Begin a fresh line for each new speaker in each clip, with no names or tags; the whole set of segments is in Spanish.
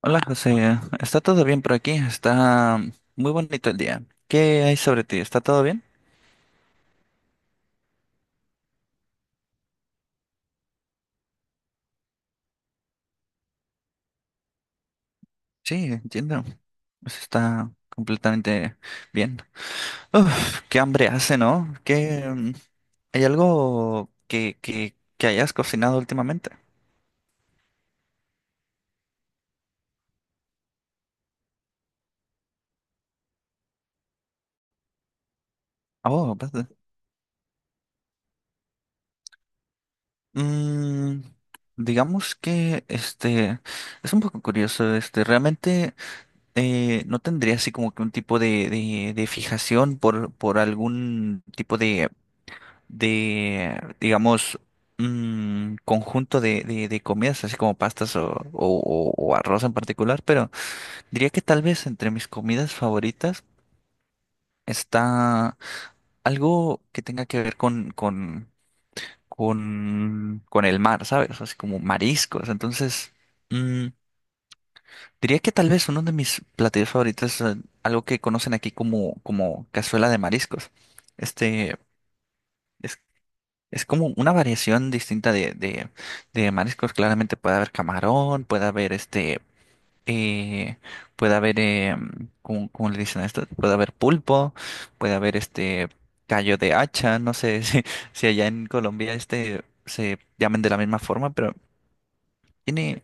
Hola José, ¿está todo bien por aquí? Está muy bonito el día. ¿Qué hay sobre ti? ¿Está todo bien? Sí, entiendo. Pues está completamente bien. Uf, qué hambre hace, ¿no? ¿Qué, hay algo que hayas cocinado últimamente? Oh, ¿verdad? Mm, digamos que es un poco curioso. Realmente no tendría así como que un tipo de fijación por algún tipo de digamos, un conjunto de comidas, así como pastas o arroz en particular, pero diría que tal vez entre mis comidas favoritas está algo que tenga que ver con el mar, ¿sabes? Así como mariscos. Entonces, mm, diría que tal vez uno de mis platillos favoritos es algo que conocen aquí como, como cazuela de mariscos. Este. Es como una variación distinta de mariscos. Claramente puede haber camarón, puede haber eh, puede haber, ¿cómo, cómo le dicen a esto? Puede haber pulpo, puede haber callo de hacha. No sé si, si allá en Colombia este se llamen de la misma forma, pero tiene,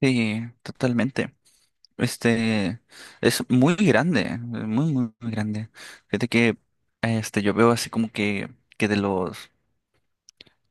sí, totalmente. Este es muy grande, muy, muy, muy grande. Fíjate que yo veo así como que, que de los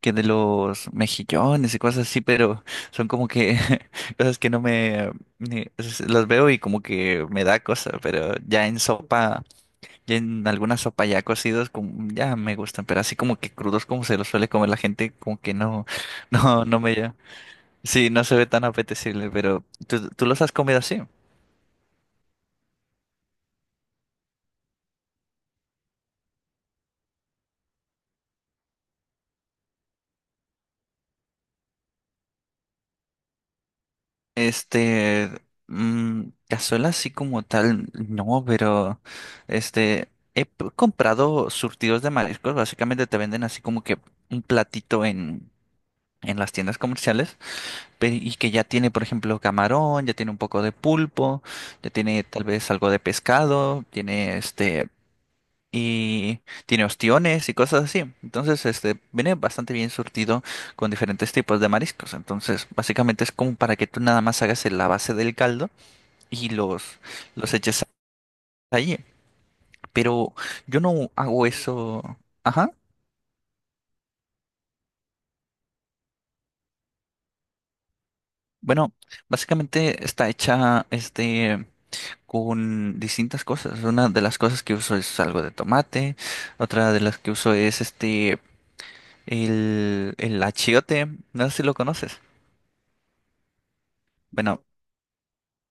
que de los mejillones y cosas así, pero son como que cosas que no me las veo y como que me da cosa, pero ya en sopa, ya en alguna sopa ya cocidos, como, ya me gustan, pero así como que crudos como se los suele comer la gente, como que no, no, no me ya. Sí, no se ve tan apetecible, pero ¿tú, tú los has comido así? Este, cazuela así como tal, no, pero comprado surtidos de mariscos. Básicamente te venden así como que un platito en las tiendas comerciales, y que ya tiene, por ejemplo, camarón, ya tiene un poco de pulpo, ya tiene tal vez algo de pescado, tiene y tiene ostiones y cosas así. Entonces, viene bastante bien surtido con diferentes tipos de mariscos. Entonces, básicamente es como para que tú nada más hagas la base del caldo y los eches allí. Pero yo no hago eso. Ajá. Bueno, básicamente está hecha con distintas cosas. Una de las cosas que uso es algo de tomate, otra de las que uso es el achiote. No sé si lo conoces. Bueno,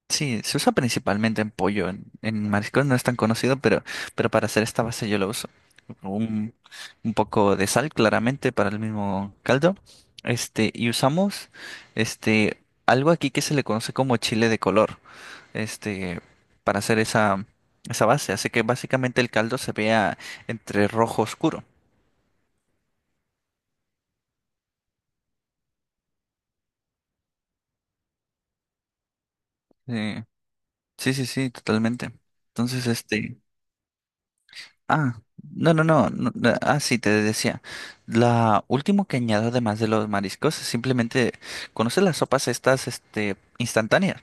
sí, se usa principalmente en pollo. En mariscos no es tan conocido, pero para hacer esta base yo lo uso. Un, un poco de sal, claramente, para el mismo caldo. Y usamos algo aquí que se le conoce como chile de color, este, para hacer esa, esa base. Hace que básicamente el caldo se vea entre rojo oscuro. Eh, sí, sí, sí, totalmente. Entonces, este. Ah, no, no, no, no, no, ah, sí, te decía. La último que añado además de los mariscos es simplemente, conoces las sopas estas, instantáneas.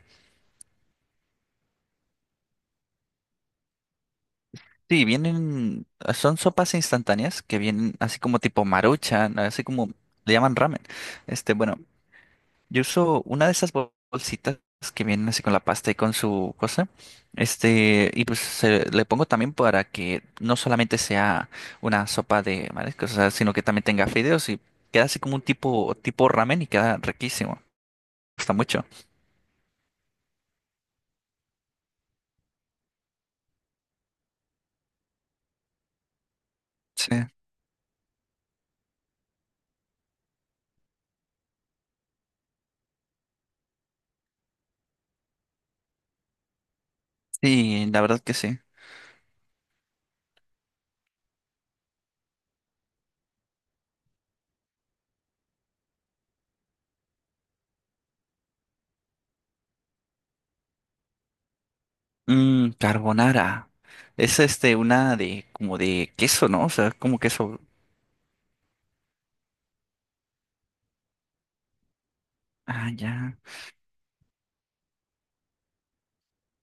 Sí, vienen, son sopas instantáneas que vienen así como tipo Maruchan, así como le llaman ramen. Este, bueno, Yo uso una de esas bolsitas que vienen así con la pasta y con su cosa. Y pues le pongo también para que no solamente sea una sopa de mariscos, o sea, sino que también tenga fideos y queda así como un tipo, tipo ramen, y queda riquísimo. Gusta mucho. Sí. Sí, la verdad que sí. Mm, carbonara. Es una de, como de queso, ¿no? O sea, como queso. Ah, ya.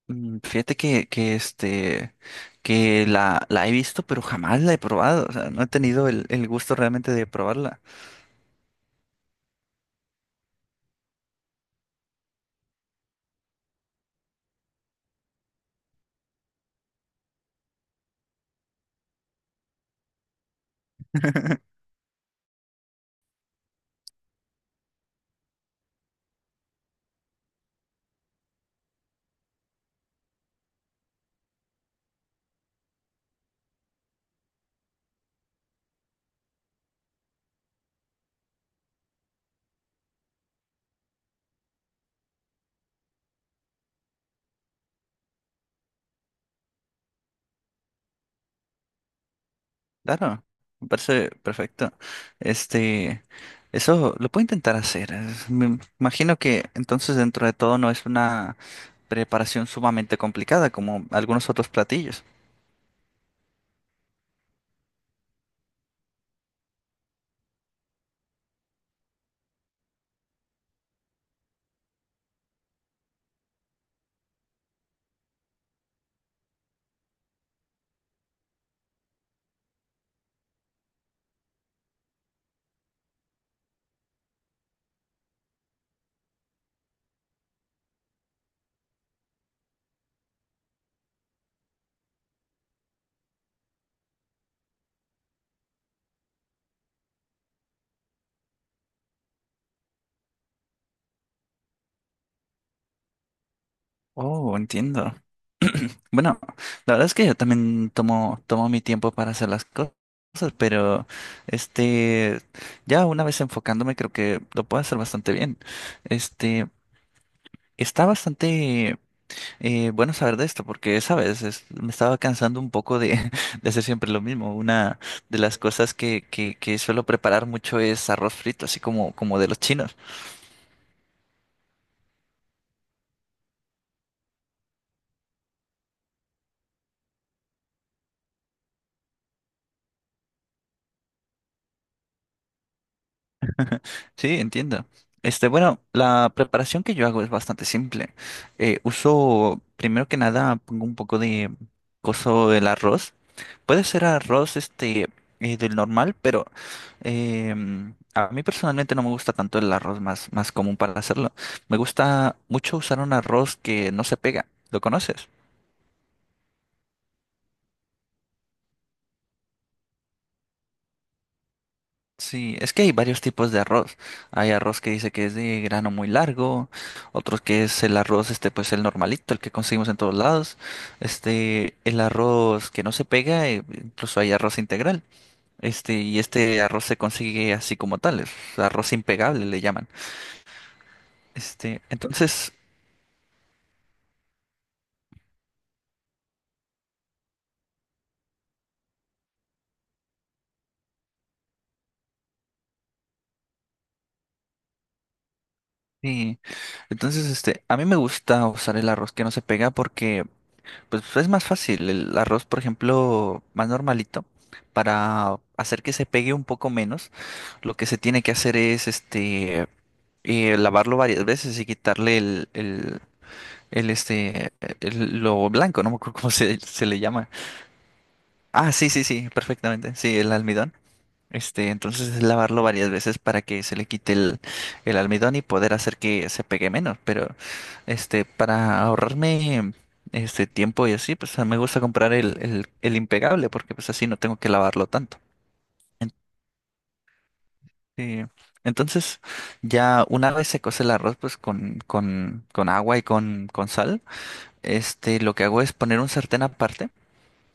Fíjate que, que la, la he visto, pero jamás la he probado. O sea, no he tenido el gusto realmente de probarla. Claro, me parece perfecto. Este, eso lo puedo intentar hacer. Me imagino que entonces dentro de todo no es una preparación sumamente complicada como algunos otros platillos. Oh, entiendo. Bueno, la verdad es que yo también tomo, tomo mi tiempo para hacer las cosas, pero este, ya una vez enfocándome, creo que lo puedo hacer bastante bien. Este, está bastante bueno saber de esto, porque, sabes, me estaba cansando un poco de, de hacer siempre lo mismo. Una de las cosas que suelo preparar mucho es arroz frito, así como, como de los chinos. Sí, entiendo. Bueno, la preparación que yo hago es bastante simple. Uso, primero que nada, pongo un poco de coso del arroz. Puede ser arroz, del normal, pero a mí personalmente no me gusta tanto el arroz más, más común para hacerlo. Me gusta mucho usar un arroz que no se pega. ¿Lo conoces? Sí, es que hay varios tipos de arroz. Hay arroz que dice que es de grano muy largo, otros que es el arroz, pues el normalito, el que conseguimos en todos lados. El arroz que no se pega, incluso hay arroz integral. Y este arroz se consigue así como tal, es arroz impegable, le llaman. Este, entonces, sí, entonces, a mí me gusta usar el arroz que no se pega porque, pues, es más fácil. El arroz, por ejemplo, más normalito, para hacer que se pegue un poco menos, lo que se tiene que hacer es lavarlo varias veces y quitarle el, este lo blanco. No me acuerdo cómo se, se le llama. Ah, sí, sí, sí, perfectamente. Sí, el almidón. Entonces es lavarlo varias veces para que se le quite el almidón y poder hacer que se pegue menos. Pero para ahorrarme este tiempo y así, pues me gusta comprar el impegable, porque pues así no tengo que lavarlo tanto. Sí. Entonces, ya una vez se cose el arroz, pues con agua y con sal, lo que hago es poner un sartén aparte,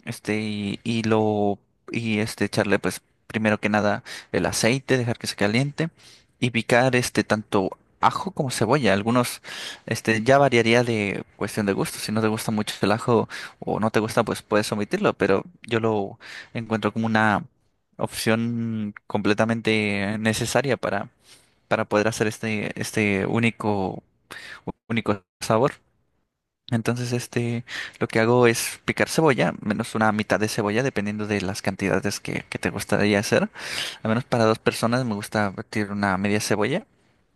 este, y, y lo, echarle, pues, primero que nada, el aceite, dejar que se caliente y picar, tanto ajo como cebolla. Algunos, ya variaría de cuestión de gusto. Si no te gusta mucho el ajo o no te gusta, pues puedes omitirlo, pero yo lo encuentro como una opción completamente necesaria para poder hacer único, único sabor. Entonces, lo que hago es picar cebolla, menos una mitad de cebolla, dependiendo de las cantidades que te gustaría hacer. Al menos para dos personas me gusta batir una media cebolla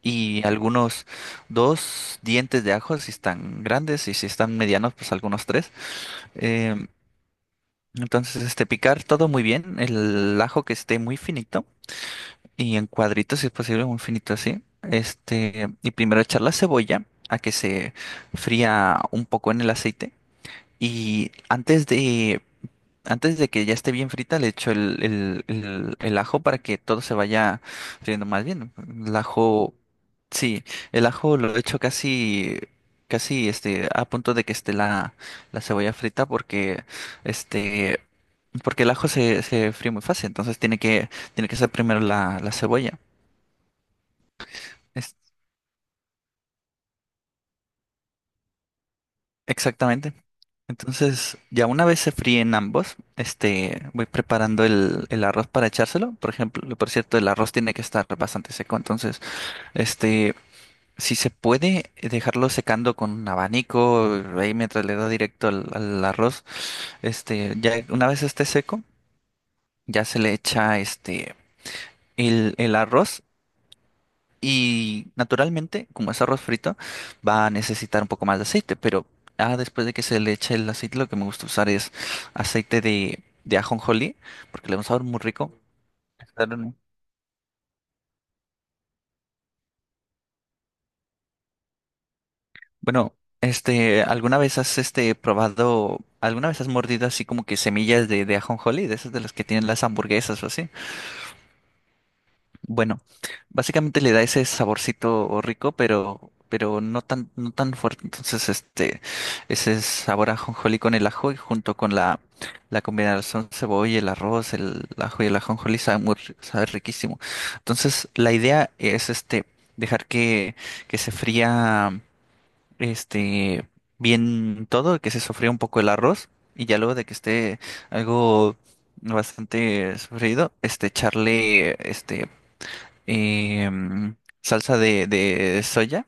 y algunos dos dientes de ajo si están grandes, y si están medianos, pues algunos tres. Em, entonces, picar todo muy bien, el ajo que esté muy finito y en cuadritos, si es posible, muy finito así. Y primero echar la cebolla a que se fría un poco en el aceite. Y antes de que ya esté bien frita, le echo el ajo para que todo se vaya friendo más bien. El ajo, sí, el ajo lo echo casi, a punto de que esté la, la cebolla frita porque este, porque el ajo se, se fríe muy fácil, entonces tiene que ser primero la, la cebolla. Exactamente. Entonces, ya una vez se fríen ambos, voy preparando el arroz para echárselo. Por ejemplo, por cierto, el arroz tiene que estar bastante seco. Entonces, este, si se puede dejarlo secando con un abanico, ahí mientras le da directo al, al arroz. Ya una vez esté seco, ya se le echa el arroz. Y naturalmente, como es arroz frito, va a necesitar un poco más de aceite, pero después de que se le eche el aceite, lo que me gusta usar es aceite de ajonjolí, porque le da un sabor muy rico. Claro, ¿no? Bueno, ¿alguna vez has probado, alguna vez has mordido así como que semillas de ajonjolí, de esas de las que tienen las hamburguesas o así? Bueno, básicamente le da ese saborcito rico, pero no tan, no tan fuerte. Entonces, ese sabor a ajonjolí con el ajo y junto con la, la combinación cebolla, el arroz, el ajo y el ajonjolí sabe muy, sabe riquísimo. Entonces, la idea es dejar que se fría, este, bien todo, que se sofría un poco el arroz y ya luego de que esté algo bastante sofrido, em, salsa de soya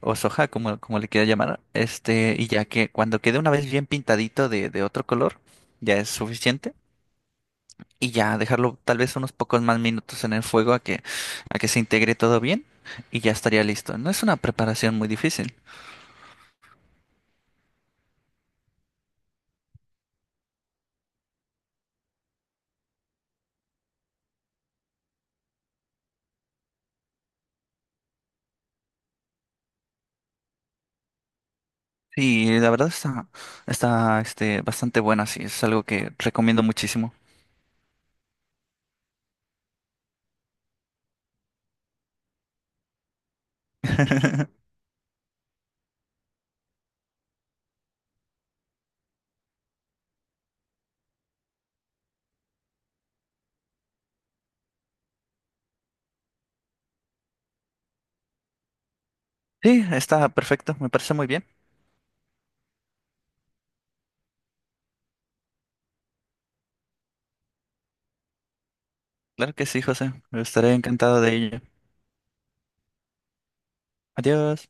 o soja, como, como le quiera llamar. Y ya que cuando quede una vez bien pintadito de otro color, ya es suficiente. Y ya dejarlo tal vez unos pocos más minutos en el fuego a que se integre todo bien y ya estaría listo. No es una preparación muy difícil. Sí, la verdad está, está bastante buena, sí, es algo que recomiendo muchísimo. Sí, está perfecto, me parece muy bien. Claro que sí, José, estaré encantado de ello. Adiós.